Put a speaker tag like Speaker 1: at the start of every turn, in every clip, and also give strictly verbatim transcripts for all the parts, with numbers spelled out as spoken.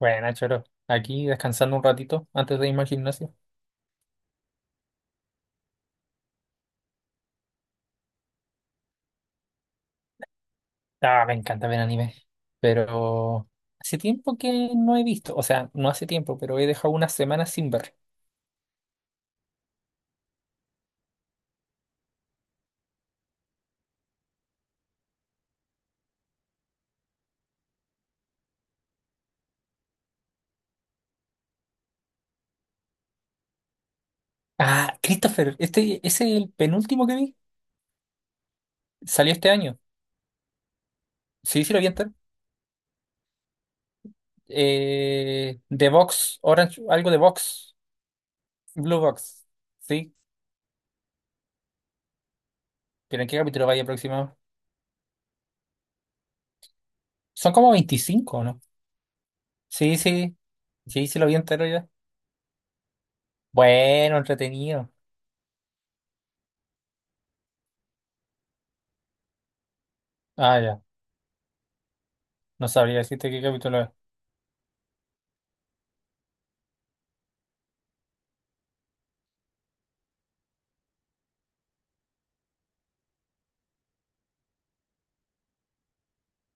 Speaker 1: Bueno, Choro, aquí descansando un ratito antes de irme al gimnasio. Ah, me encanta ver anime, pero hace tiempo que no he visto, o sea, no hace tiempo, pero he dejado unas semanas sin ver. Ah, Christopher, este, ese es el penúltimo que vi, salió este año. Sí, sí lo vi entero. Eh, The Box, Orange, algo de Box, Blue Box, sí, pero ¿en qué capítulo vaya aproximado? Son como veinticinco, ¿no? Sí, sí, sí, sí lo vi entero ya. Bueno, entretenido. Ah, ya. No sabría decirte qué capítulo es.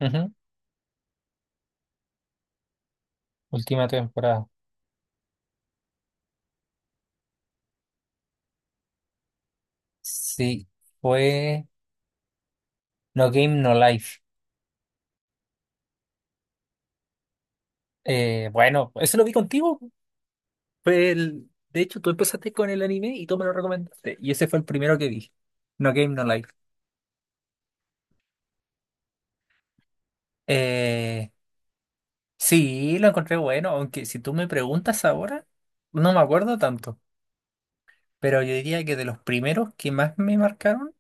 Speaker 1: Ujú. Última temporada. Sí, fue No Game, No Life. Eh, bueno, eso lo vi contigo. Fue el... De hecho, tú empezaste con el anime y tú me lo recomendaste. Y ese fue el primero que vi. No Game, No Life. Eh, sí, lo encontré bueno, aunque si tú me preguntas ahora, no me acuerdo tanto. Pero yo diría que de los primeros que más me marcaron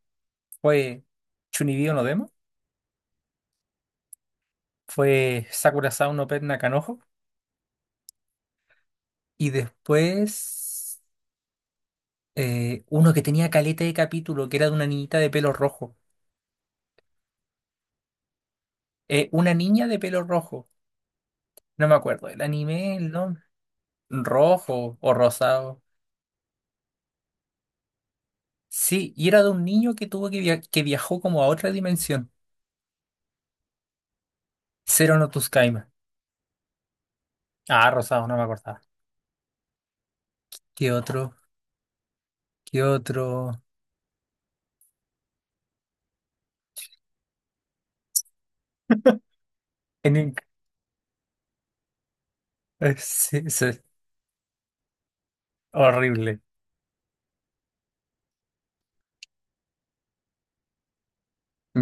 Speaker 1: fue Chunibyo no Demo, fue Sakura Sao no Pet Nakanojo. Y después eh, uno que tenía caleta de capítulo, que era de una niñita de pelo rojo. Eh, una niña de pelo rojo. No me acuerdo. El anime, el nombre. Rojo o rosado. Sí, y era de un niño que tuvo que, via- que viajó como a otra dimensión. Cero no Tuskaima. Ah, rosado, no me acordaba. ¿Qué otro? ¿Qué otro? En inc- eh, Sí, sí, horrible.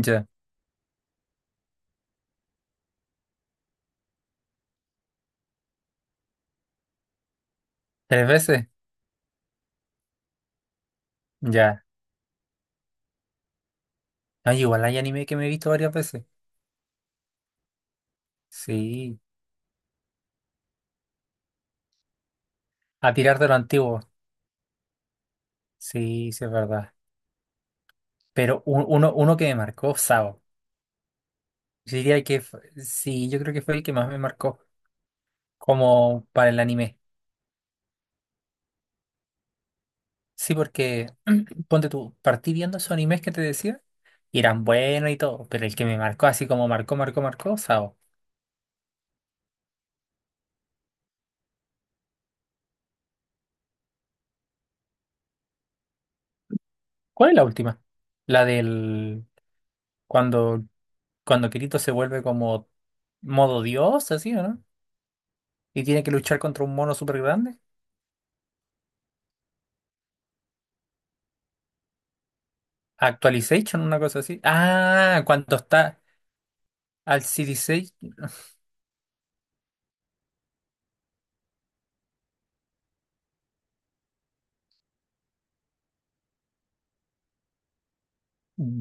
Speaker 1: Ya. ¿Tres veces? Ya. No, igual hay anime que me he visto varias veces. Sí. A tirar de lo antiguo. Sí, sí, es verdad. Pero un- uno, uno que me marcó, Sao. Yo diría que fue- sí, yo creo que fue el que más me marcó como para el anime. Sí, porque ponte tú, partí viendo esos animes que te decía y eran buenos y todo, pero el que me marcó así como marcó, marcó, marcó, Sao. ¿Cuál es la última? La del cuando, cuando Kirito se vuelve como modo dios, así, ¿o no? Y tiene que luchar contra un mono súper grande. Actualization, una cosa así. Ah, cuando está al C D seis.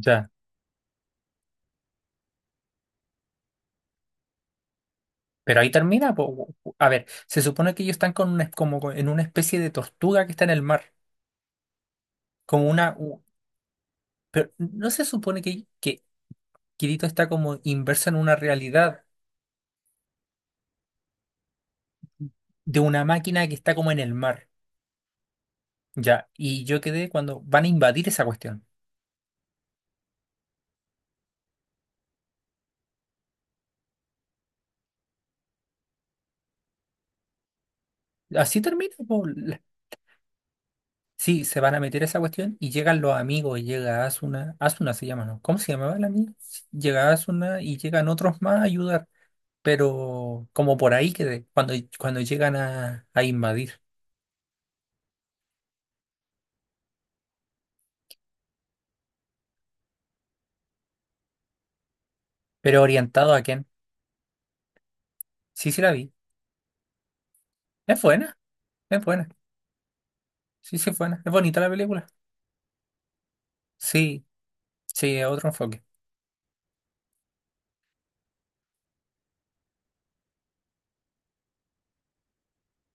Speaker 1: Ya. Pero ahí termina. Po. A ver, se supone que ellos están con una- como con- en una especie de tortuga que está en el mar. Como una. u- Pero no se supone que, que Kirito está como inverso en una realidad de una máquina que está como en el mar. Ya. Y yo quedé cuando van a invadir esa cuestión. Así termina. Po. La- Sí, se van a meter a esa cuestión y llegan los amigos. Y llega Asuna. Asuna se llama, ¿no? ¿Cómo se llamaba la amiga? Llega Asuna y llegan otros más a ayudar. Pero como por ahí que cuando, cuando llegan a, a invadir. Pero orientado a quién. Sí, sí la vi. Es buena, es buena. Sí, sí, es buena. Es bonita la película. Sí, sí, es otro enfoque.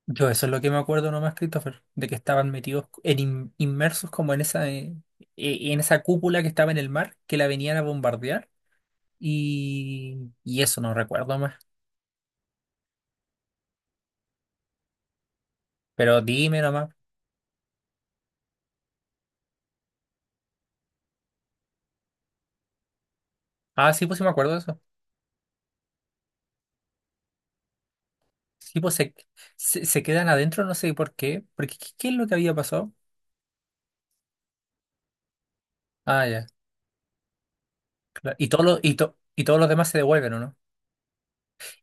Speaker 1: Yo eso es lo que me acuerdo nomás, Christopher, de que estaban metidos en in- inmersos como en esa eh, eh, en esa cúpula que estaba en el mar, que la venían a bombardear y, y eso no recuerdo más. Pero dime nomás. Ah, sí, pues sí me acuerdo de eso. Sí, pues se, se, se quedan adentro, no sé por qué, porque ¿qué, qué es lo que había pasado? Ah, ya, claro. Y todos los, y, to- y todos los demás se devuelven, ¿o no?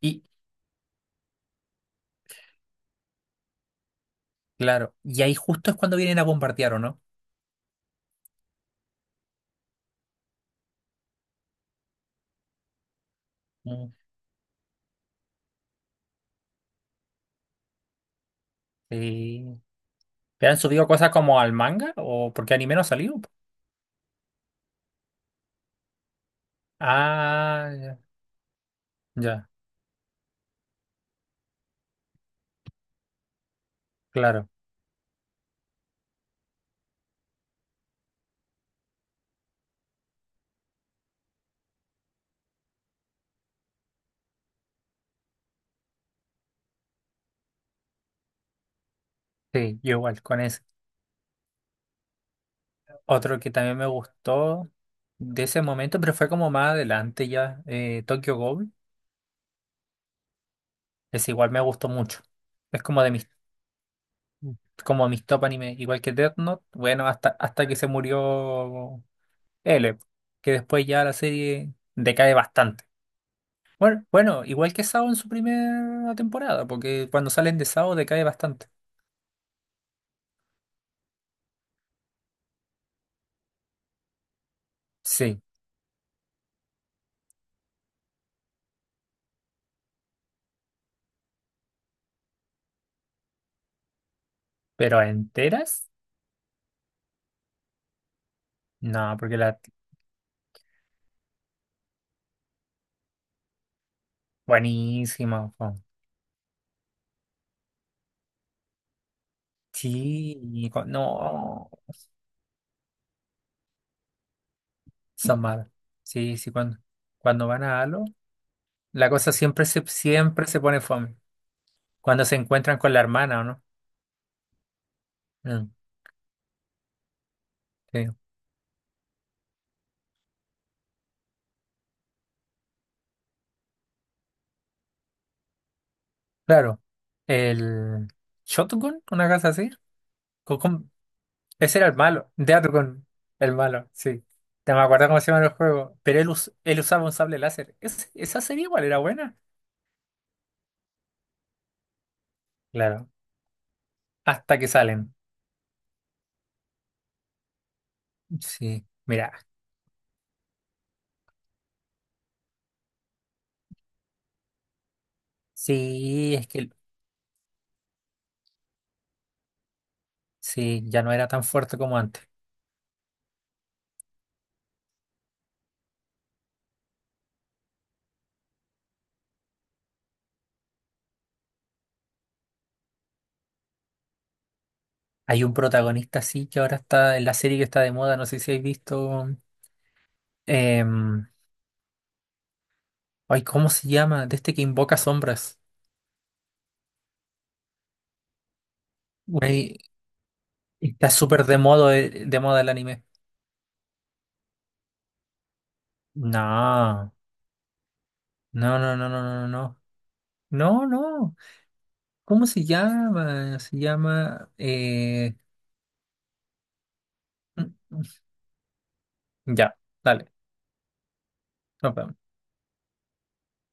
Speaker 1: Y claro, y ahí justo es cuando vienen a bombardear, ¿o no? Mm. Sí. ¿Te han subido cosas como al manga? ¿O porque anime no ha salido? Ah, ya, ya, claro. Sí, yo igual con ese. Otro que también me gustó de ese momento, pero fue como más adelante ya, eh, Tokyo Ghoul. Ese igual me gustó mucho. Es como de mis, como mis top anime, igual que Death Note. Bueno, hasta, hasta que se murió. L, que después ya la serie decae bastante. Bueno, bueno, igual que Sao en su primera temporada, porque cuando salen de Sao decae bastante. Sí, pero ¿enteras? No, porque la... Buenísima. Po. Sí, y cu- no, son malas. Sí, sí, cuando, cuando van a Halo, la cosa siempre se, siempre se pone fome. Cuando se encuentran con la hermana, ¿o no? Mm, sí, claro. El Shotogun, una cosa así. ¿Cómo- cómo? Ese era el malo, Deathgun, el malo, sí. No me acuerdo cómo se llama el juego, pero él, us- él usaba un sable láser. Es- esa serie igual era buena. Claro, hasta que salen. Sí, mira, sí, es que sí, ya no era tan fuerte como antes. Hay un protagonista, sí, que ahora está en la serie que está de moda, no sé si habéis visto. em, ay, ¿cómo se llama? De este que invoca sombras. Güey, está súper de moda, de moda el anime. No, no, no, no, no, no, no. No, no. No. ¿Cómo se llama? Se llama... eh, mm, mm, ya, dale. Nos vemos.